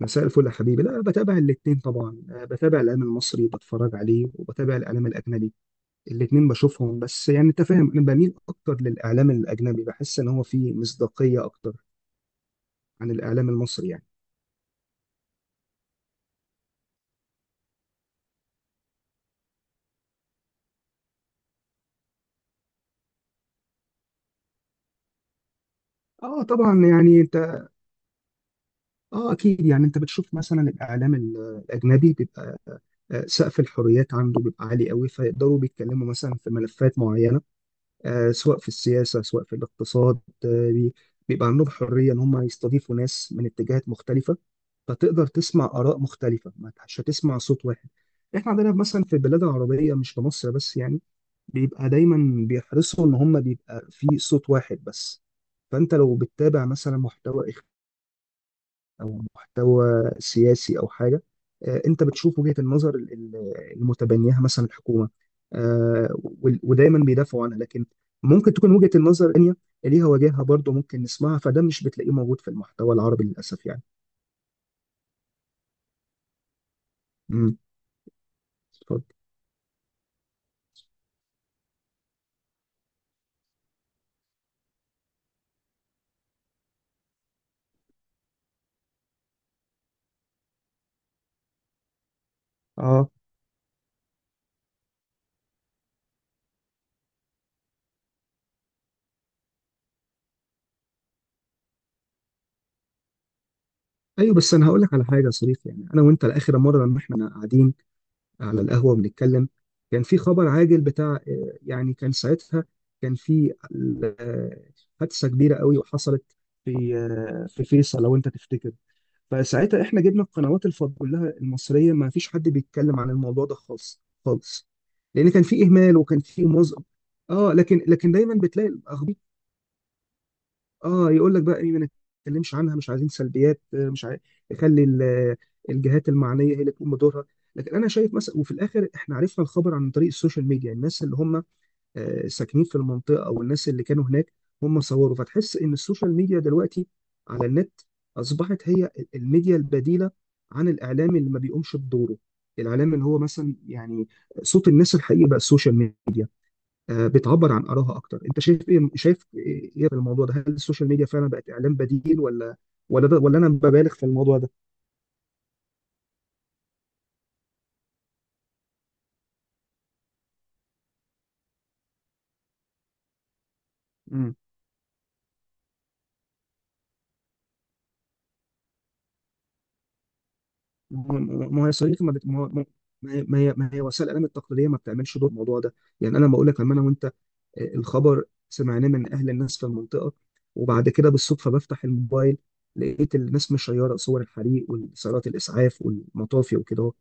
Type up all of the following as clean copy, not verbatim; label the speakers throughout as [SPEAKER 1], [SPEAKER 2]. [SPEAKER 1] مساء الفل يا حبيبي، لا، بتابع الاتنين طبعا، بتابع الاعلام المصري، بتفرج عليه وبتابع الاعلام الاجنبي الاتنين بشوفهم. بس يعني انت فاهم، انا بميل اكتر للاعلام الاجنبي، بحس ان هو فيه مصداقية اكتر عن الاعلام المصري يعني. اه طبعا، يعني انت، اه اكيد، يعني انت بتشوف مثلا الاعلام الاجنبي بيبقى، سقف الحريات عنده بيبقى عالي قوي، فيقدروا بيتكلموا مثلا في ملفات معينة، سواء في السياسة سواء في الاقتصاد. آه، بي- بيبقى عندهم حرية إن هم يستضيفوا ناس من اتجاهات مختلفة، فتقدر تسمع آراء مختلفة، ما مش هتسمع صوت واحد. إحنا عندنا مثلا في البلاد العربية، مش في مصر بس، يعني بيبقى دايما بيحرصوا إن هم بيبقى في صوت واحد بس. فأنت لو بتتابع مثلا محتوى او محتوى سياسي او حاجه، انت بتشوف وجهه النظر المتبنيها مثلا الحكومه، ودايما بيدافعوا عنها. لكن ممكن تكون وجهه النظر الثانيه ليها وجهها برضه، ممكن نسمعها، فده مش بتلاقيه موجود في المحتوى العربي للاسف يعني. امم. اتفضل. اه، ايوه، بس انا هقول لك على حاجه يا صديقي. يعني انا وانت، لاخر مره لما احنا قاعدين على القهوة بنتكلم، كان في خبر عاجل بتاع، يعني كان ساعتها، كان في، آه، حادثة كبيرة قوي وحصلت في، في فيصل لو انت تفتكر. فساعتها احنا جبنا القنوات الفض كلها المصرية، ما فيش حد بيتكلم عن الموضوع ده خالص خالص، لأن كان في إهمال وكان في اه، لكن دايما بتلاقي الاخبار. اه، يقول لك بقى ايه؟ ما نتكلمش عنها، مش عايزين سلبيات، مش عايز يخلي الجهات المعنيه هي اللي تقوم بدورها. لكن انا شايف مثلا، وفي الاخر احنا عرفنا الخبر عن طريق السوشيال ميديا، الناس اللي هم ساكنين في المنطقه او الناس اللي كانوا هناك هم صوروا. فتحس ان السوشيال ميديا دلوقتي على النت اصبحت هي الميديا البديله عن الاعلام اللي ما بيقومش بدوره، الاعلام اللي هو مثلا يعني صوت الناس الحقيقي بقى السوشيال ميديا، بتعبر عن آرائها أكتر. أنت شايف إيه إيه في الموضوع ده؟ هل السوشيال ميديا فعلا بقت إعلام بديل، ولا ده، ولا أنا ببالغ في الموضوع ده؟ مم. ما هو ما هو يا صديقي، ما بت- ما هو- ما هي ما هي ما هي وسائل الإعلام التقليدية ما بتعملش دور في الموضوع ده. يعني أنا لما أقول لك، لما أنا وأنت، الخبر سمعناه من أهل الناس في المنطقة. وبعد كده بالصدفة بفتح الموبايل، لقيت الناس مشيرة صور الحريق وسيارات الإسعاف والمطافي وكده،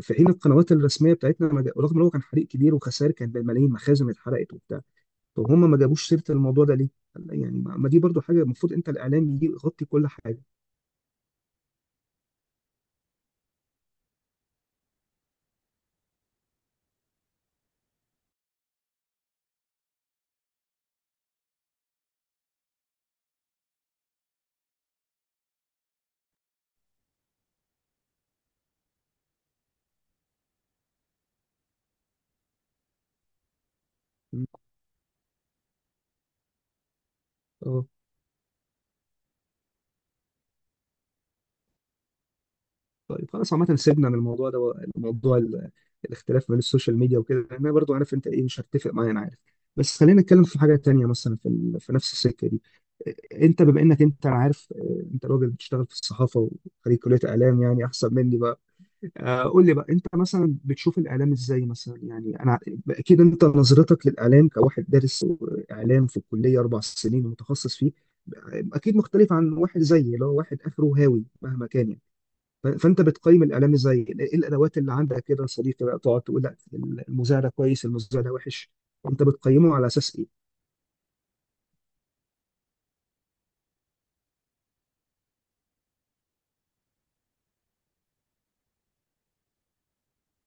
[SPEAKER 1] في حين القنوات الرسميه بتاعتنا ما جا- رغم ان هو كان حريق كبير وخسائر كانت بالملايين، مخازن اتحرقت وبتاع. طب هم ما جابوش سيره الموضوع ده ليه؟ يعني ما دي برضو حاجه، المفروض انت الاعلام يجي يغطي كل حاجه. مم. اه. طيب، خلاص عامه سيبنا من الموضوع ده، موضوع الاختلاف بين السوشيال ميديا وكده. انا برضو عارف انت ايه، مش هتفق معايا، انا عارف. بس خلينا نتكلم في حاجه تانية، مثلا في نفس السكه دي. انت بما انك انت، انا عارف، انت راجل بتشتغل في الصحافه وخريج كليه اعلام، يعني احسن مني. قول لي بقى، انت مثلا بتشوف الاعلام ازاي؟ مثلا يعني انا اكيد انت نظرتك للاعلام كواحد دارس اعلام في الكليه 4 سنين ومتخصص فيه، اكيد مختلف عن واحد زيي اللي هو واحد اخره هاوي مهما كان يعني. فانت بتقيم الاعلام ازاي؟ ايه الادوات اللي عندك كده يا صديقي بقى تقعد تقول: لا، المذيع ده كويس، المذيع ده وحش؟ انت بتقيمه على اساس ايه؟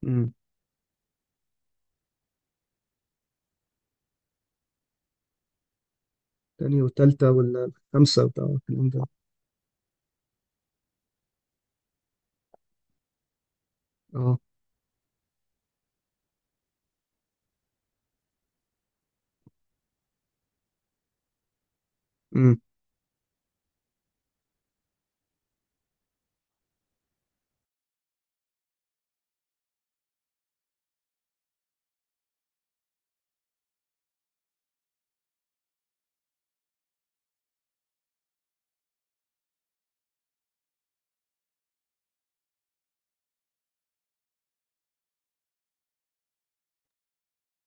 [SPEAKER 1] امم. تاني والتالتة والخامسة بتاع الكلام ده. اه. امم.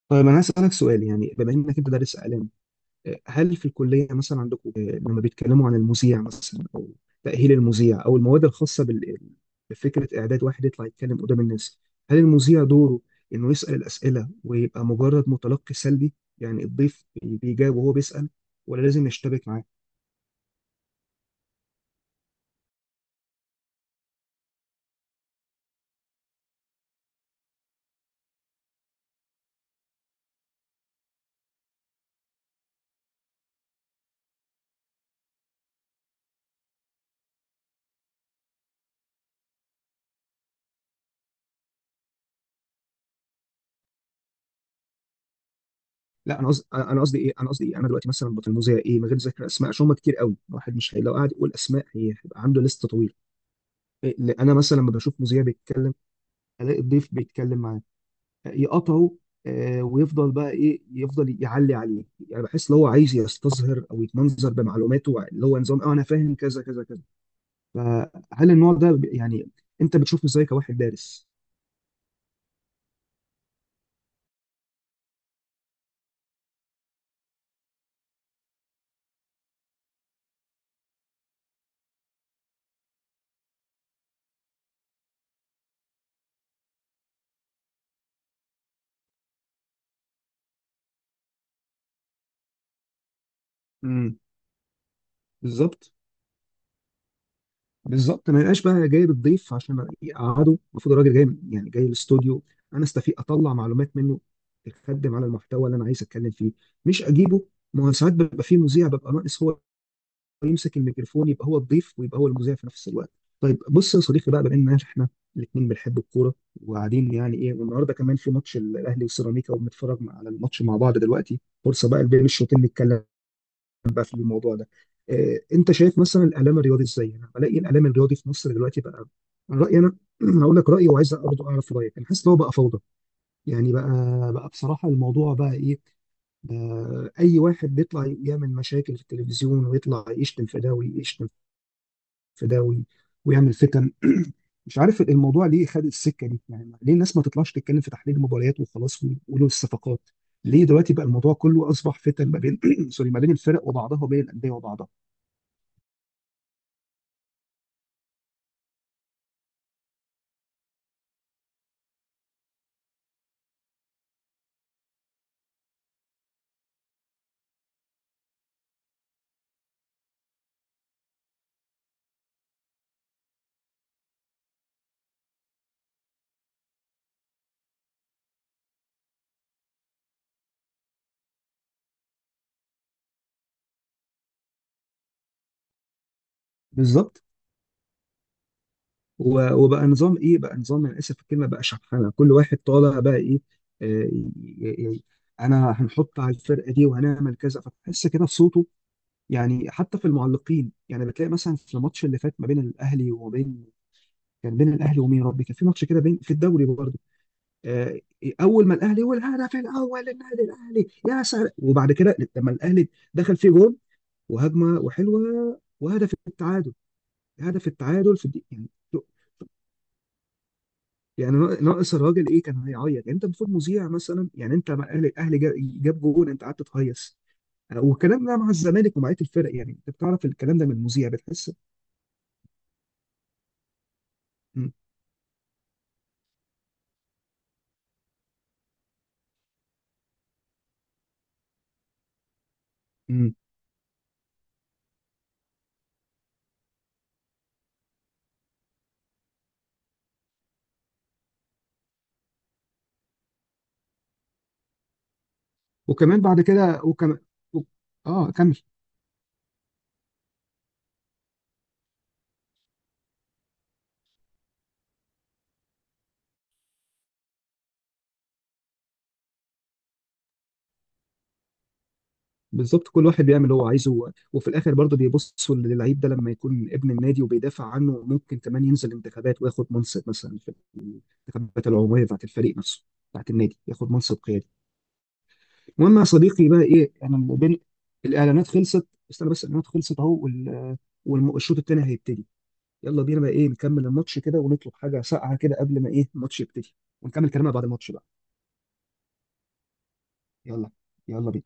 [SPEAKER 1] طيب، انا هسألك سؤال. يعني بما انك انت دارس اعلام، هل في الكلية مثلا عندكم، لما بيتكلموا عن المذيع مثلا، أو تأهيل المذيع، أو المواد الخاصة بفكرة إعداد واحد يطلع يتكلم قدام الناس، هل المذيع دوره إنه يسأل الأسئلة ويبقى مجرد متلقي سلبي؟ يعني الضيف بيجاوب وهو بيسأل، ولا لازم يشتبك معاه؟ لا، أنا قصدي إيه؟ أنا قصدي إيه؟ أنا دلوقتي مثلا بطل المذيع إيه، من غير ذكر أسماء عشان هم كتير قوي، الواحد مش لو قعد يقول أسماء هيبقى عنده لست طويل. إيه، أنا مثلا لما بشوف مذيع بيتكلم، ألاقي الضيف بيتكلم معاه، يقطعه، ويفضل بقى ايه، يفضل يعلي عليه. يعني بحس لو هو عايز يستظهر او يتمنظر بمعلوماته، اللي هو نظام اه انا فاهم كذا كذا كذا. فهل النوع ده يعني انت بتشوفه ازاي كواحد دارس؟ امم. بالظبط. بالظبط، ما يبقاش بقى جايب الضيف عشان يقعده. المفروض الراجل جاي يعني جاي الاستوديو، انا استفيق اطلع معلومات منه تخدم على المحتوى اللي انا عايز اتكلم فيه، مش اجيبه. ما هو ساعات بيبقى فيه مذيع، ببقى ناقص هو يمسك الميكروفون، يبقى هو الضيف ويبقى هو المذيع في نفس الوقت. طيب، بص يا صديقي بقى، بما ان احنا الاثنين بنحب الكوره وقاعدين، يعني ايه، والنهارده كمان في ماتش الاهلي وسيراميكا وبنتفرج على الماتش مع بعض، دلوقتي فرصه بقى بين الشوطين نتكلم بقى في الموضوع ده. إيه، انت شايف مثلا الاعلام الرياضي ازاي؟ انا بلاقي الاعلام الرياضي في مصر دلوقتي بقى من رايي انا هقول لك رايي، وعايز برضه اعرف رايك. انا حاسس ان هو بقى فوضى. يعني بقى بصراحه الموضوع بقى ايه؟ اي واحد بيطلع يعمل مشاكل في التلفزيون، ويطلع يشتم في ده ويشتم في ده ويعمل فتن. مش عارف الموضوع ليه خد السكه دي، يعني ليه الناس ما تطلعش تتكلم في تحليل المباريات وخلاص ويقولوا الصفقات؟ ليه دلوقتي بقى الموضوع كله اصبح فتن ما بين سوري، ما بين الفرق وبعضها وبين الانديه وبعضها؟ بالظبط. و- وبقى نظام ايه، بقى نظام، انا اسف في الكلمه، بقى شحنه. كل واحد طالع بقى ايه، آه، ي- ي- ي- انا هنحط على الفرقه دي وهنعمل كذا، فتحس كده في صوته. يعني حتى في المعلقين، يعني بتلاقي مثلا في الماتش اللي فات ما بين الاهلي وبين، كان بين الاهلي ومين يا ربي؟ كان في ماتش كده بين، في الدوري برضه، آه، اول ما الاهلي والهدف الاول للنادي الاهلي يا سعد. وبعد كده لما الاهلي دخل فيه جول وهجمه وحلوه وهدف التعادل، هدف التعادل في الدقيقه يعني، ناقص الراجل ايه، كان هيعيط؟ يعني انت المفروض مذيع، مثلا يعني انت مع الاهلي جاب جول، انت قعدت تهيص؟ والكلام ده مع الزمالك ومع بقيه الفرق. يعني انت بتعرف الكلام ده من المذيع، بتحس. م- م. وكمان بعد كده، وكمان، و- اه، كمل. بالظبط، كل واحد بيعمل اللي هو عايزه. و- وفي الاخر برضه بيبصوا للعيب ده، لما يكون ابن النادي وبيدافع عنه، ممكن كمان ينزل انتخابات وياخد منصب مثلا في الانتخابات العموميه بتاعت الفريق نفسه، بتاعت النادي، ياخد منصب قيادي. المهم يا صديقي بقى ايه، انا بين الاعلانات، خلصت استنى، بس الاعلانات خلصت اهو، والشوط الثاني هيبتدي. يلا بينا بقى ايه، نكمل الماتش كده ونطلب حاجه ساقعه كده قبل ما ايه الماتش يبتدي، ونكمل كلامنا بعد الماتش بقى. يلا. يلا بينا.